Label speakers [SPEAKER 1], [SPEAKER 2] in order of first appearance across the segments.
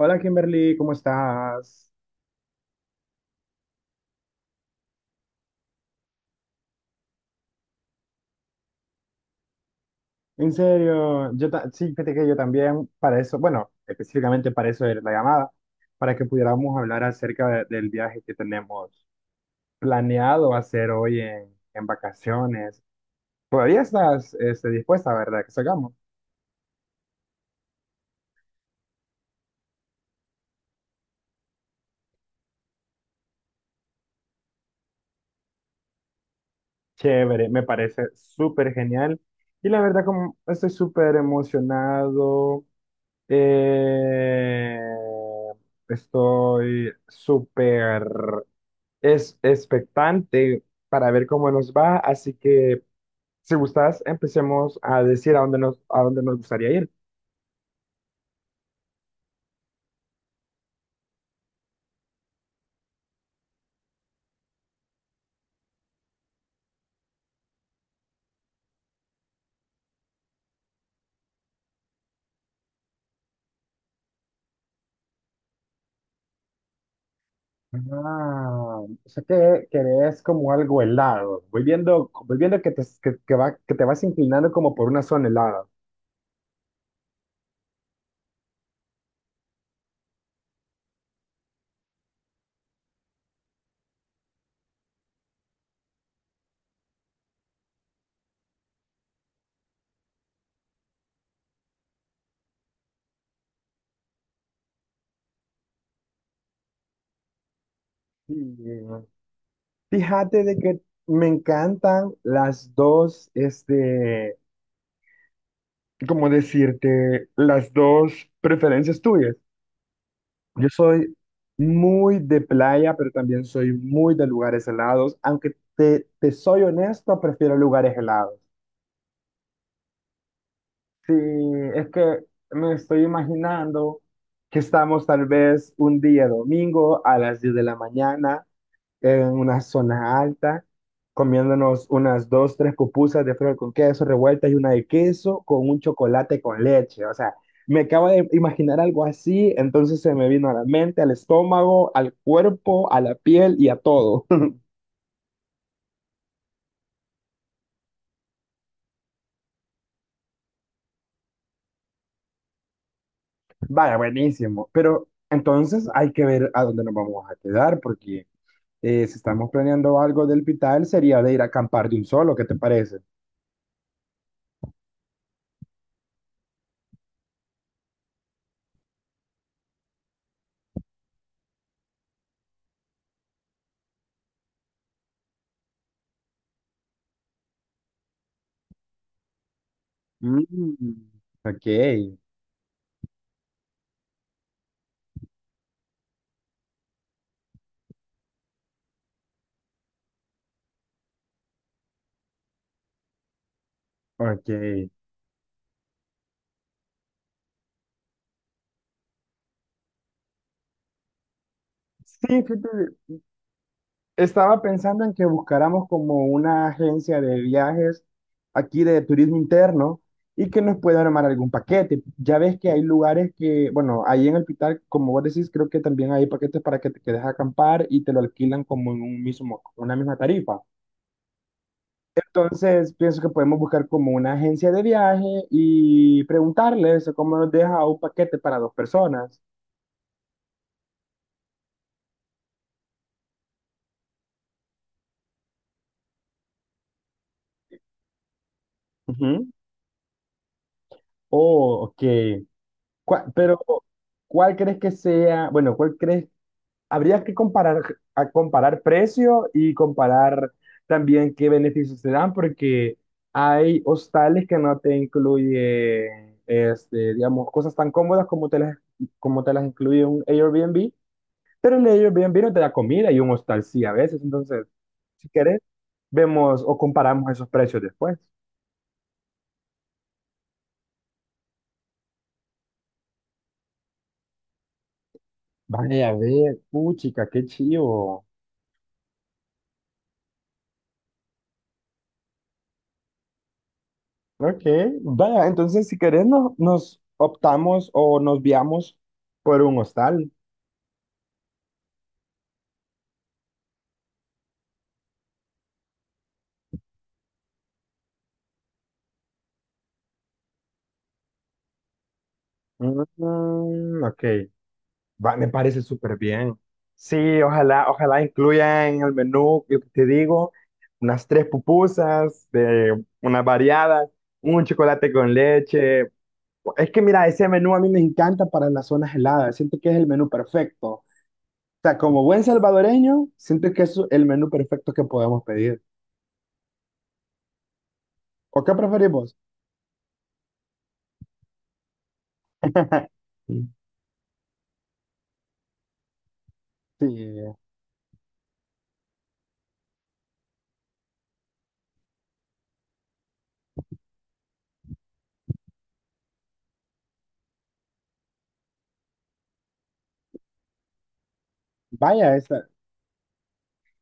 [SPEAKER 1] Hola Kimberly, ¿cómo estás? En serio, sí, fíjate que yo también para eso, bueno, específicamente para eso era la llamada, para que pudiéramos hablar acerca del viaje que tenemos planeado hacer hoy en vacaciones. Todavía estás dispuesta, ¿verdad? Que salgamos. Chévere, me parece súper genial. Y la verdad, como estoy súper emocionado. Eh, estoy súper es expectante para ver cómo nos va, así que si gustas, empecemos a decir a dónde nos gustaría ir. Ah, o sea que querés como algo helado. Voy viendo que te, que va, que te vas inclinando como por una zona helada. Sí. Fíjate de que me encantan las dos, este, ¿cómo decirte? Las dos preferencias tuyas. Yo soy muy de playa, pero también soy muy de lugares helados. Aunque te soy honesto, prefiero lugares helados. Sí, es que me estoy imaginando que estamos tal vez un día domingo a las 10 de la mañana en una zona alta, comiéndonos unas dos, tres pupusas de frijol con queso revueltas y una de queso con un chocolate con leche. O sea, me acabo de imaginar algo así, entonces se me vino a la mente, al estómago, al cuerpo, a la piel y a todo. Vaya, buenísimo. Pero entonces hay que ver a dónde nos vamos a quedar, porque si estamos planeando algo del Pital, sería de ir a acampar de un solo, ¿qué te parece? Mm, ok, ok. Sí, fíjate, estaba pensando en que buscáramos como una agencia de viajes aquí de turismo interno y que nos pueda armar algún paquete. Ya ves que hay lugares que, bueno, ahí en el Pitar, como vos decís, creo que también hay paquetes para que te quedes a acampar y te lo alquilan como en un mismo, una misma tarifa. Entonces, pienso que podemos buscar como una agencia de viaje y preguntarles cómo nos deja un paquete para dos personas. Ujú. Oh, ok. ¿Cuál- pero, ¿cuál crees que sea? Bueno, ¿cuál crees habría que comparar, a comparar precio y comparar también qué beneficios te dan, porque hay hostales que no te incluyen, este, digamos, cosas tan cómodas como te las incluye un Airbnb, pero el Airbnb no te da comida y un hostal sí a veces. Entonces, si querés, vemos o comparamos esos precios después. Vaya, a ver, puchica, qué chivo. Ok, vaya, entonces si querés nos optamos o nos viamos por un hostal. Mm, ok, va, me parece súper bien. Sí, ojalá, ojalá incluyan en el menú, lo que te digo, unas tres pupusas, de una variada, un chocolate con leche. Es que mira, ese menú a mí me encanta para las zonas heladas, siento que es el menú perfecto. O sea, como buen salvadoreño, siento que es el menú perfecto que podemos pedir. ¿O qué preferimos? Sí. Sí, vaya, está,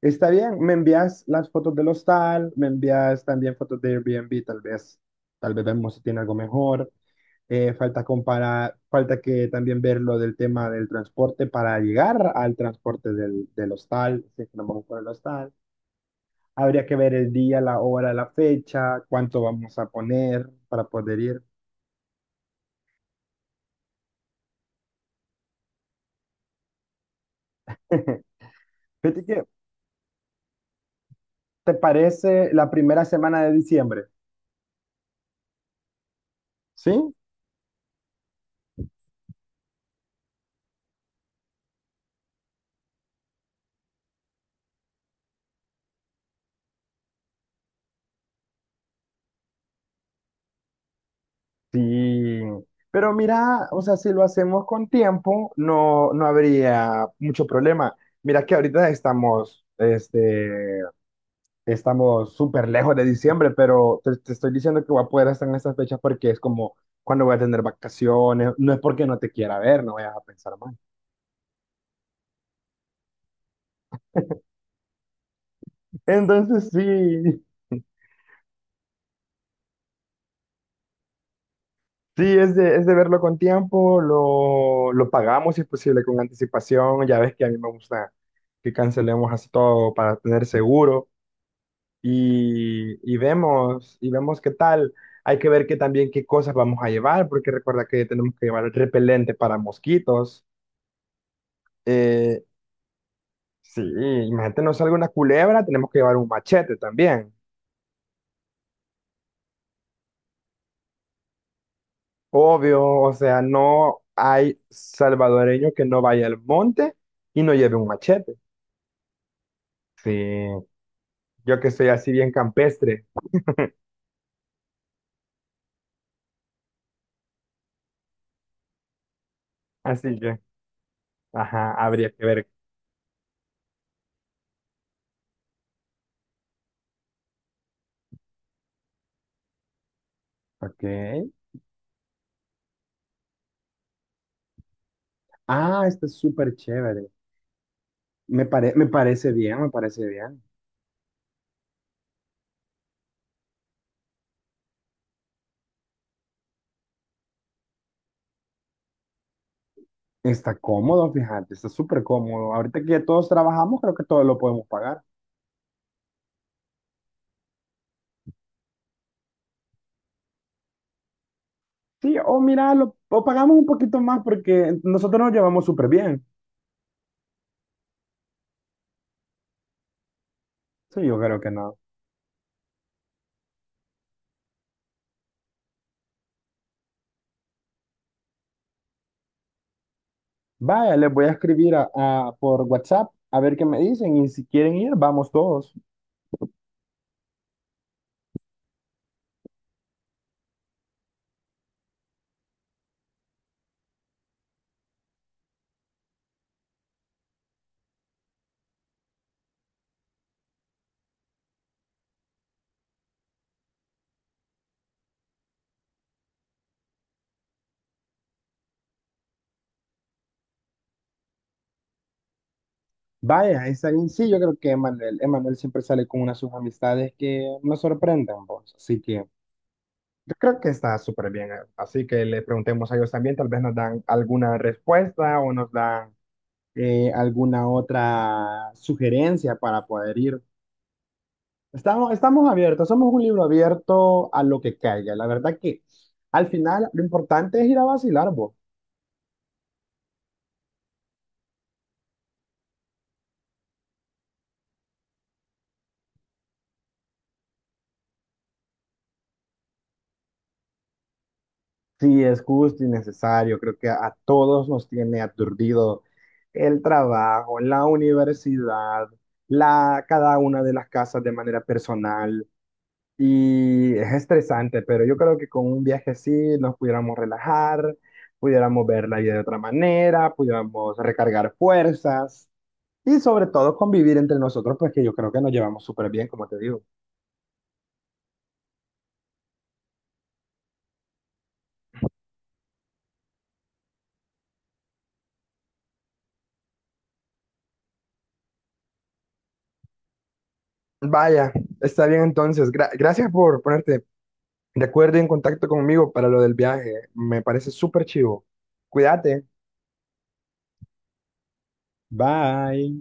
[SPEAKER 1] está bien. Me envías las fotos del hostal, me envías también fotos de Airbnb, tal vez vemos si tiene algo mejor. Falta comparar, falta que también ver lo del tema del transporte para llegar al transporte del hostal, si es que nos vamos por el hostal. Habría que ver el día, la hora, la fecha, cuánto vamos a poner para poder ir. Fíjate que, ¿te parece la primera semana de diciembre? ¿Sí? Sí, pero mira, o sea, si lo hacemos con tiempo, no, no habría mucho problema. Mira que ahorita estamos, este, estamos súper lejos de diciembre, pero te estoy diciendo que voy a poder estar en estas fechas porque es como cuando voy a tener vacaciones, no es porque no te quiera ver, no vayas a pensar mal. Entonces sí, sí, es de verlo con tiempo, lo pagamos si es posible con anticipación, ya ves que a mí me gusta que cancelemos así todo para tener seguro. Y vemos qué tal. Hay que ver que también qué cosas vamos a llevar, porque recuerda que tenemos que llevar repelente para mosquitos. Eh, sí, imagínate, no salga una culebra, tenemos que llevar un machete también. Obvio, o sea, no hay salvadoreño que no vaya al monte y no lleve un machete. Sí, yo que soy así bien campestre, así que, ajá, habría que ver. Ok. Ah, está súper chévere. Me parece bien, me parece bien. Está cómodo, fíjate, está súper cómodo. Ahorita que ya todos trabajamos, creo que todos lo podemos pagar. Sí, o mira, lo, o pagamos un poquito más porque nosotros nos llevamos súper bien. Sí, yo creo que no. Vaya, les voy a escribir por WhatsApp a ver qué me dicen y si quieren ir, vamos todos. Vaya, está bien. Sí, yo creo que Emanuel, Emanuel siempre sale con unas sus amistades que nos sorprenden, vos. Así que yo creo que está súper bien. Así que le preguntemos a ellos también, tal vez nos dan alguna respuesta o nos dan alguna otra sugerencia para poder ir. Estamos abiertos, somos un libro abierto a lo que caiga. La verdad que al final lo importante es ir a vacilar, vos. Sí, es justo y necesario. Creo que a todos nos tiene aturdido el trabajo, la universidad, cada una de las casas de manera personal. Y es estresante, pero yo creo que con un viaje así nos pudiéramos relajar, pudiéramos ver la vida de otra manera, pudiéramos recargar fuerzas y sobre todo convivir entre nosotros, pues que yo creo que nos llevamos súper bien, como te digo. Vaya, está bien entonces. Gracias por ponerte de acuerdo y en contacto conmigo para lo del viaje. Me parece súper chivo. Cuídate. Bye.